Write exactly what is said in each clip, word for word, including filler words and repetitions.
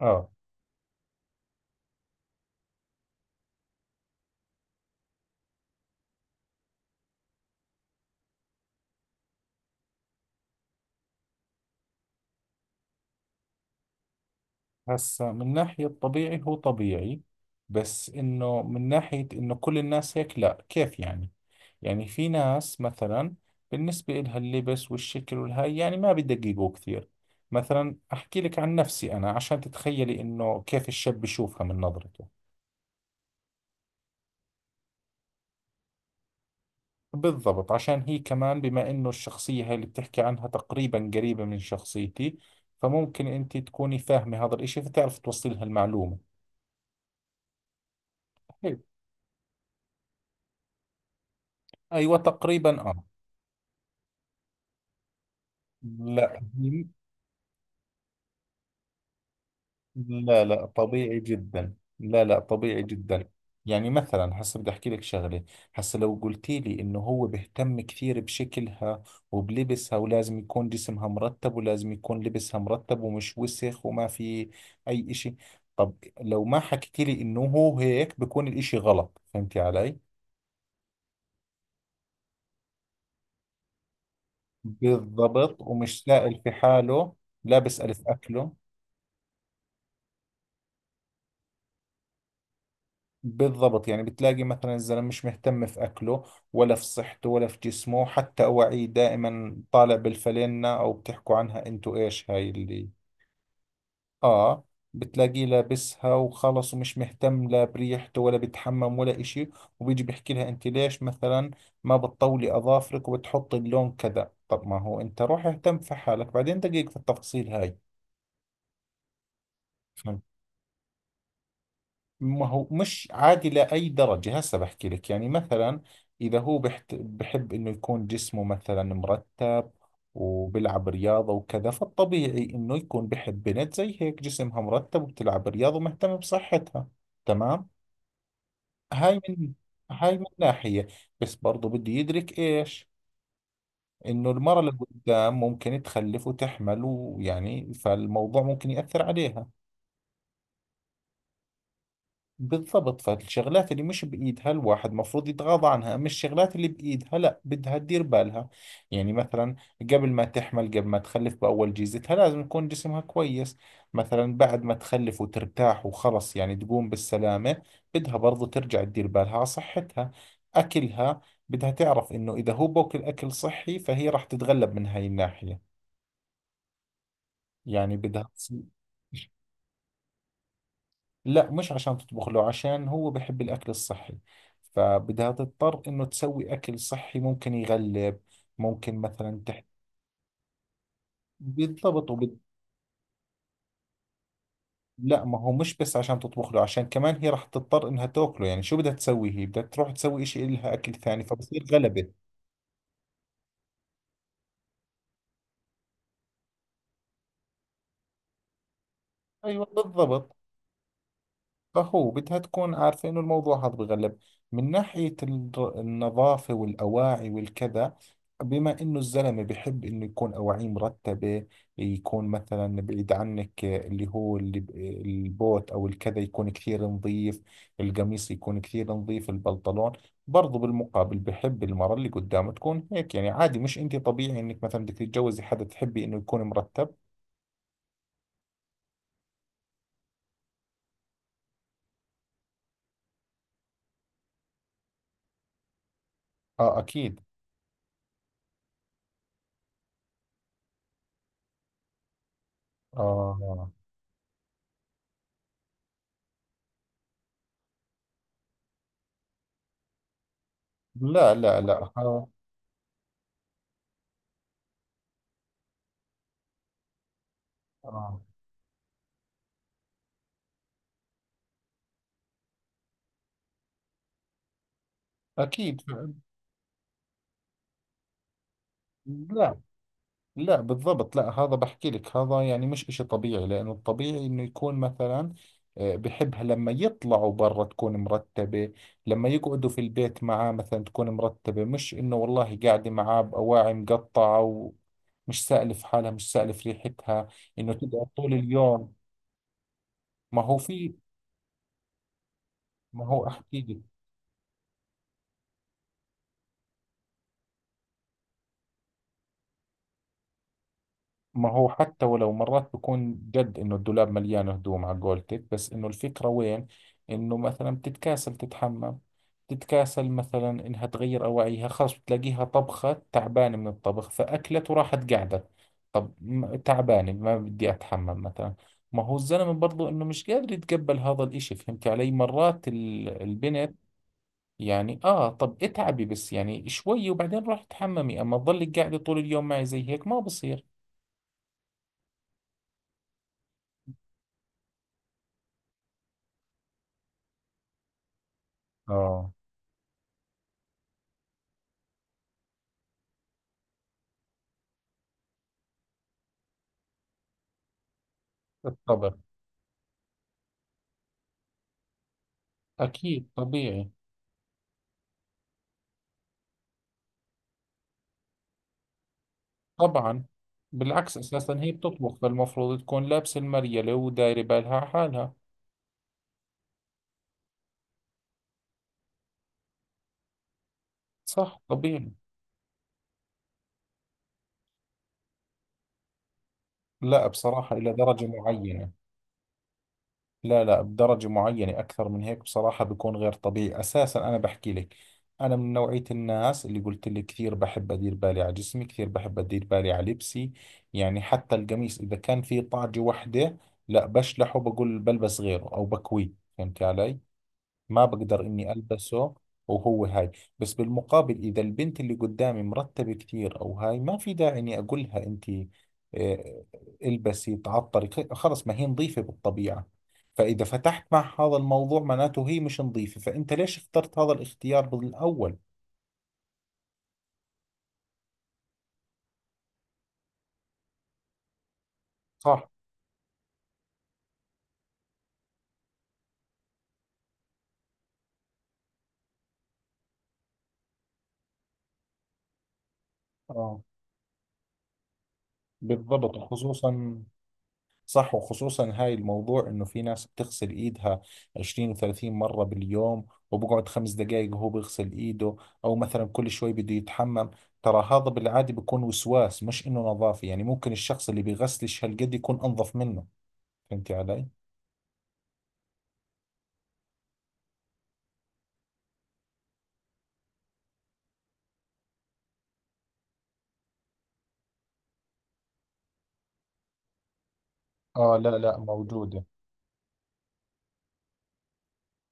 اه، هسا من ناحية طبيعي هو طبيعي. بس انه من ناحية انه كل الناس هيك، لا كيف يعني يعني؟ في ناس مثلا بالنسبة لها اللبس والشكل والهاي يعني ما بدققوا كثير. مثلا احكي لك عن نفسي انا، عشان تتخيلي انه كيف الشاب بشوفها من نظرته. بالضبط، عشان هي كمان بما انه الشخصية هاي اللي بتحكي عنها تقريبا قريبة من شخصيتي، فممكن انت تكوني فاهمة هذا الاشي فتعرف توصلي لها المعلومة. حلو. ايوه تقريبا، اه لا قديم. لا لا طبيعي جدا، لا لا طبيعي جدا. يعني مثلا هسه بدي احكي لك شغله. هسه لو قلتي لي انه هو بيهتم كثير بشكلها وبلبسها ولازم يكون جسمها مرتب ولازم يكون لبسها مرتب ومش وسخ وما في اي اشي. طب لو ما حكيتي لي انه هو هيك بكون الاشي غلط، فهمتي علي؟ بالضبط، ومش سائل في حاله. لا بسأل في اكله. بالضبط، يعني بتلاقي مثلا الزلمه مش مهتم في اكله ولا في صحته ولا في جسمه، حتى اواعيه دائما طالع بالفلينة، او بتحكوا عنها انتو ايش هاي اللي. اه. بتلاقيه لابسها وخلص، ومش مهتم لا بريحته ولا بيتحمم ولا اشي. وبيجي بيحكي لها انت ليش مثلا ما بتطولي اظافرك وبتحطي اللون كذا. طب ما هو انت روح اهتم في حالك، بعدين دقيق في التفاصيل هاي. ما هو مش عادي لأي درجة. هسه بحكي لك، يعني مثلا إذا هو بحت بحب إنه يكون جسمه مثلا مرتب وبلعب رياضة وكذا، فالطبيعي إنه يكون بحب بنت زي هيك جسمها مرتب وبتلعب رياضة ومهتمة بصحتها، تمام؟ هاي من هاي من ناحية. بس برضو بده يدرك إيش، إنه المرة اللي قدام ممكن تخلف وتحمل، ويعني فالموضوع ممكن يأثر عليها. بالضبط، فالشغلات اللي مش بإيدها الواحد مفروض يتغاضى عنها، أما الشغلات اللي بإيدها لا بدها تدير بالها. يعني مثلا قبل ما تحمل، قبل ما تخلف، بأول جيزتها لازم يكون جسمها كويس. مثلا بعد ما تخلف وترتاح وخلص، يعني تقوم بالسلامة، بدها برضو ترجع تدير بالها على صحتها، أكلها. بدها تعرف إنه إذا هو بوكل أكل صحي فهي راح تتغلب من هاي الناحية. يعني بدها تصير. لا مش عشان تطبخ له، عشان هو بحب الأكل الصحي، فبدها تضطر إنه تسوي أكل صحي، ممكن يغلب. ممكن مثلا تحت. بالضبط وبد... لا، ما هو مش بس عشان تطبخ له، عشان كمان هي راح تضطر إنها تاكله. يعني شو بدها تسوي؟ هي بدها تروح تسوي إشي إلها أكل ثاني، فبصير غلبة. أيوة بالضبط. فهو بدها تكون عارفة إنه الموضوع هذا بغلب. من ناحية الر- النظافة والأواعي والكذا، بما إنه الزلمة بحب إنه يكون أواعيه مرتبة. يكون مثلا بعيد عنك اللي هو اللي ب- البوت أو الكذا يكون كثير نظيف، القميص يكون كثير نظيف، البنطلون. برضو بالمقابل بحب المرة اللي قدامه تكون هيك، يعني عادي، مش أنت طبيعي إنك مثلا بدك تتجوزي حدا تحبي إنه يكون مرتب. آه أكيد. آه. لا لا لا آه. آه. أكيد. لا لا بالضبط، لا هذا بحكي لك، هذا يعني مش إشي طبيعي، لأنه الطبيعي إنه يكون مثلا، آه، بحبها لما يطلعوا برا تكون مرتبة، لما يقعدوا في البيت معاه مثلا تكون مرتبة، مش إنه والله قاعدة معاه بأواعي مقطعة ومش سالف حالها، مش سالف ريحتها، إنه تقعد طول اليوم. ما هو في ما هو أحكي لك ما هو حتى ولو مرات بكون جد انه الدولاب مليان هدوم على قولتك، بس انه الفكرة وين؟ انه مثلا بتتكاسل تتحمم، تتكاسل مثلا انها تغير اواعيها، خلص بتلاقيها طبخة تعبانة من الطبخ فاكلت وراحت قاعدة. طب م- تعبانة ما بدي اتحمم مثلا. ما هو الزلمة برضو انه مش قادر يتقبل هذا الاشي، فهمت علي؟ مرات ال- البنت يعني اه، طب اتعبي بس يعني شوي وبعدين روحي تحممي، اما تضلك قاعدة طول اليوم معي زي هيك ما بصير. اه. الطبخ. أكيد طبيعي. طبعا. بالعكس، أساسا هي بتطبخ فالمفروض تكون لابسة المريلة ودايرة بالها على حالها. صح طبيعي. لا بصراحة إلى درجة معينة. لا لا، بدرجة معينة. أكثر من هيك بصراحة بيكون غير طبيعي. أساسا أنا بحكي لك، أنا من نوعية الناس اللي قلت لك كثير بحب أدير بالي على جسمي، كثير بحب أدير بالي على لبسي. يعني حتى القميص إذا كان فيه طاجة وحدة لا بشلحه، بقول بلبس غيره أو بكويه، فهمتي علي؟ ما بقدر إني ألبسه وهو هاي. بس بالمقابل إذا البنت اللي قدامي مرتبة كثير أو هاي، ما في داعي إني أقول لها أنت، آه، البسي تعطري خ- خلص، ما هي نظيفة بالطبيعة. فإذا فتحت مع هذا الموضوع معناته هي مش نظيفة، فأنت ليش اخترت هذا الاختيار بالأول؟ صح. اه بالضبط، خصوصا. صح، وخصوصا هاي الموضوع انه في ناس بتغسل ايدها عشرين و30 مرة باليوم، وبقعد خمس دقائق وهو بيغسل ايده، او مثلا كل شوي بده يتحمم. ترى هذا بالعادة بيكون وسواس مش انه نظافة. يعني ممكن الشخص اللي بيغسلش هالقد يكون انظف منه، فهمتي علي؟ اه لا لا موجودة.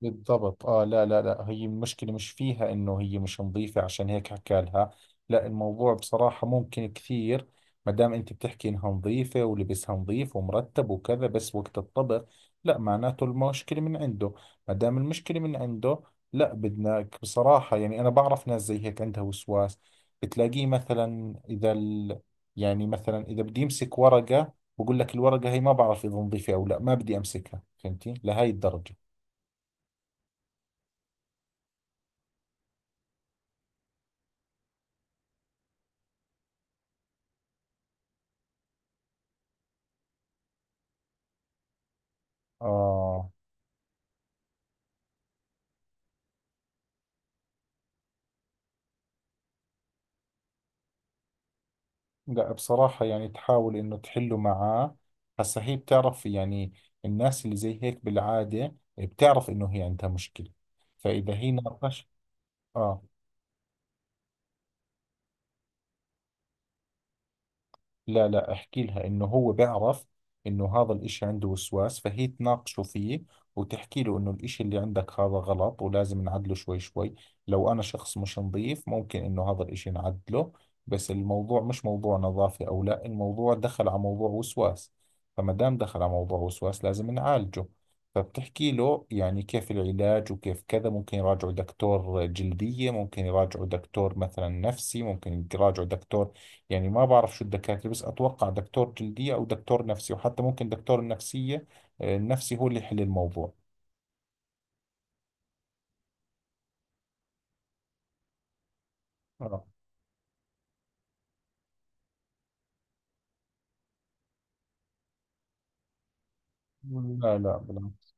بالضبط اه، لا لا لا، هي المشكلة مش فيها انه هي مش نظيفة عشان هيك حكى لها. لا الموضوع بصراحة ممكن كثير، ما دام انت بتحكي انها نظيفة ولبسها نظيف ومرتب وكذا، بس وقت الطبخ، لا معناته المشكلة من عنده. ما دام المشكلة من عنده، لا بدناك بصراحة. يعني انا بعرف ناس زي هيك عندها وسواس، بتلاقيه مثلا اذا ال، يعني مثلا اذا بدي امسك ورقة بقول لك الورقة هي ما بعرف اذا نظيفة او لا، ما بدي امسكها. فهمتي لهي الدرجة؟ اه. لا بصراحة يعني تحاول إنه تحله معاه. هسا هي بتعرف، يعني الناس اللي زي هيك بالعادة بتعرف إنه هي عندها مشكلة، فإذا هي ناقش. آه. لا لا احكي لها انه هو بيعرف انه هذا الاشي عنده وسواس، فهي تناقشه فيه وتحكي له انه الاشي اللي عندك هذا غلط ولازم نعدله شوي شوي. لو انا شخص مش نظيف ممكن انه هذا الاشي نعدله، بس الموضوع مش موضوع نظافة او لا، الموضوع دخل على موضوع وسواس، فما دام دخل على موضوع وسواس لازم نعالجه. فبتحكي له يعني كيف العلاج وكيف كذا، ممكن يراجعوا دكتور جلدية، ممكن يراجعوا دكتور مثلا نفسي، ممكن يراجعوا دكتور، يعني ما بعرف شو الدكاترة، بس أتوقع دكتور جلدية أو دكتور نفسي، وحتى ممكن دكتور النفسية، آه، النفسي هو اللي يحل الموضوع. آه. لا لا بالعكس.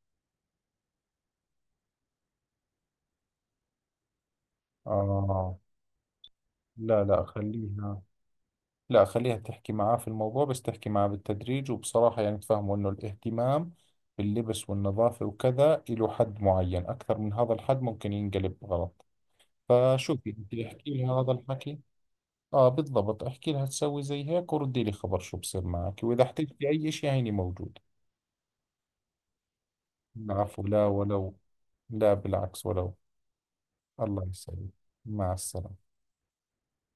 آه لا لا خليها، لا خليها تحكي معاه في الموضوع، بس تحكي معاه بالتدريج وبصراحة. يعني تفهمه إنه الاهتمام باللبس والنظافة وكذا له حد معين، أكثر من هذا الحد ممكن ينقلب غلط. فشوفي أنت احكي لها هذا الحكي. آه بالضبط، احكي لها تسوي زي هيك وردي لي خبر شو بصير معك، وإذا احتجتي أي شيء هيني موجود. العفو، لا ولو. لا بالعكس ولو. الله يسعدك. مع السلامة.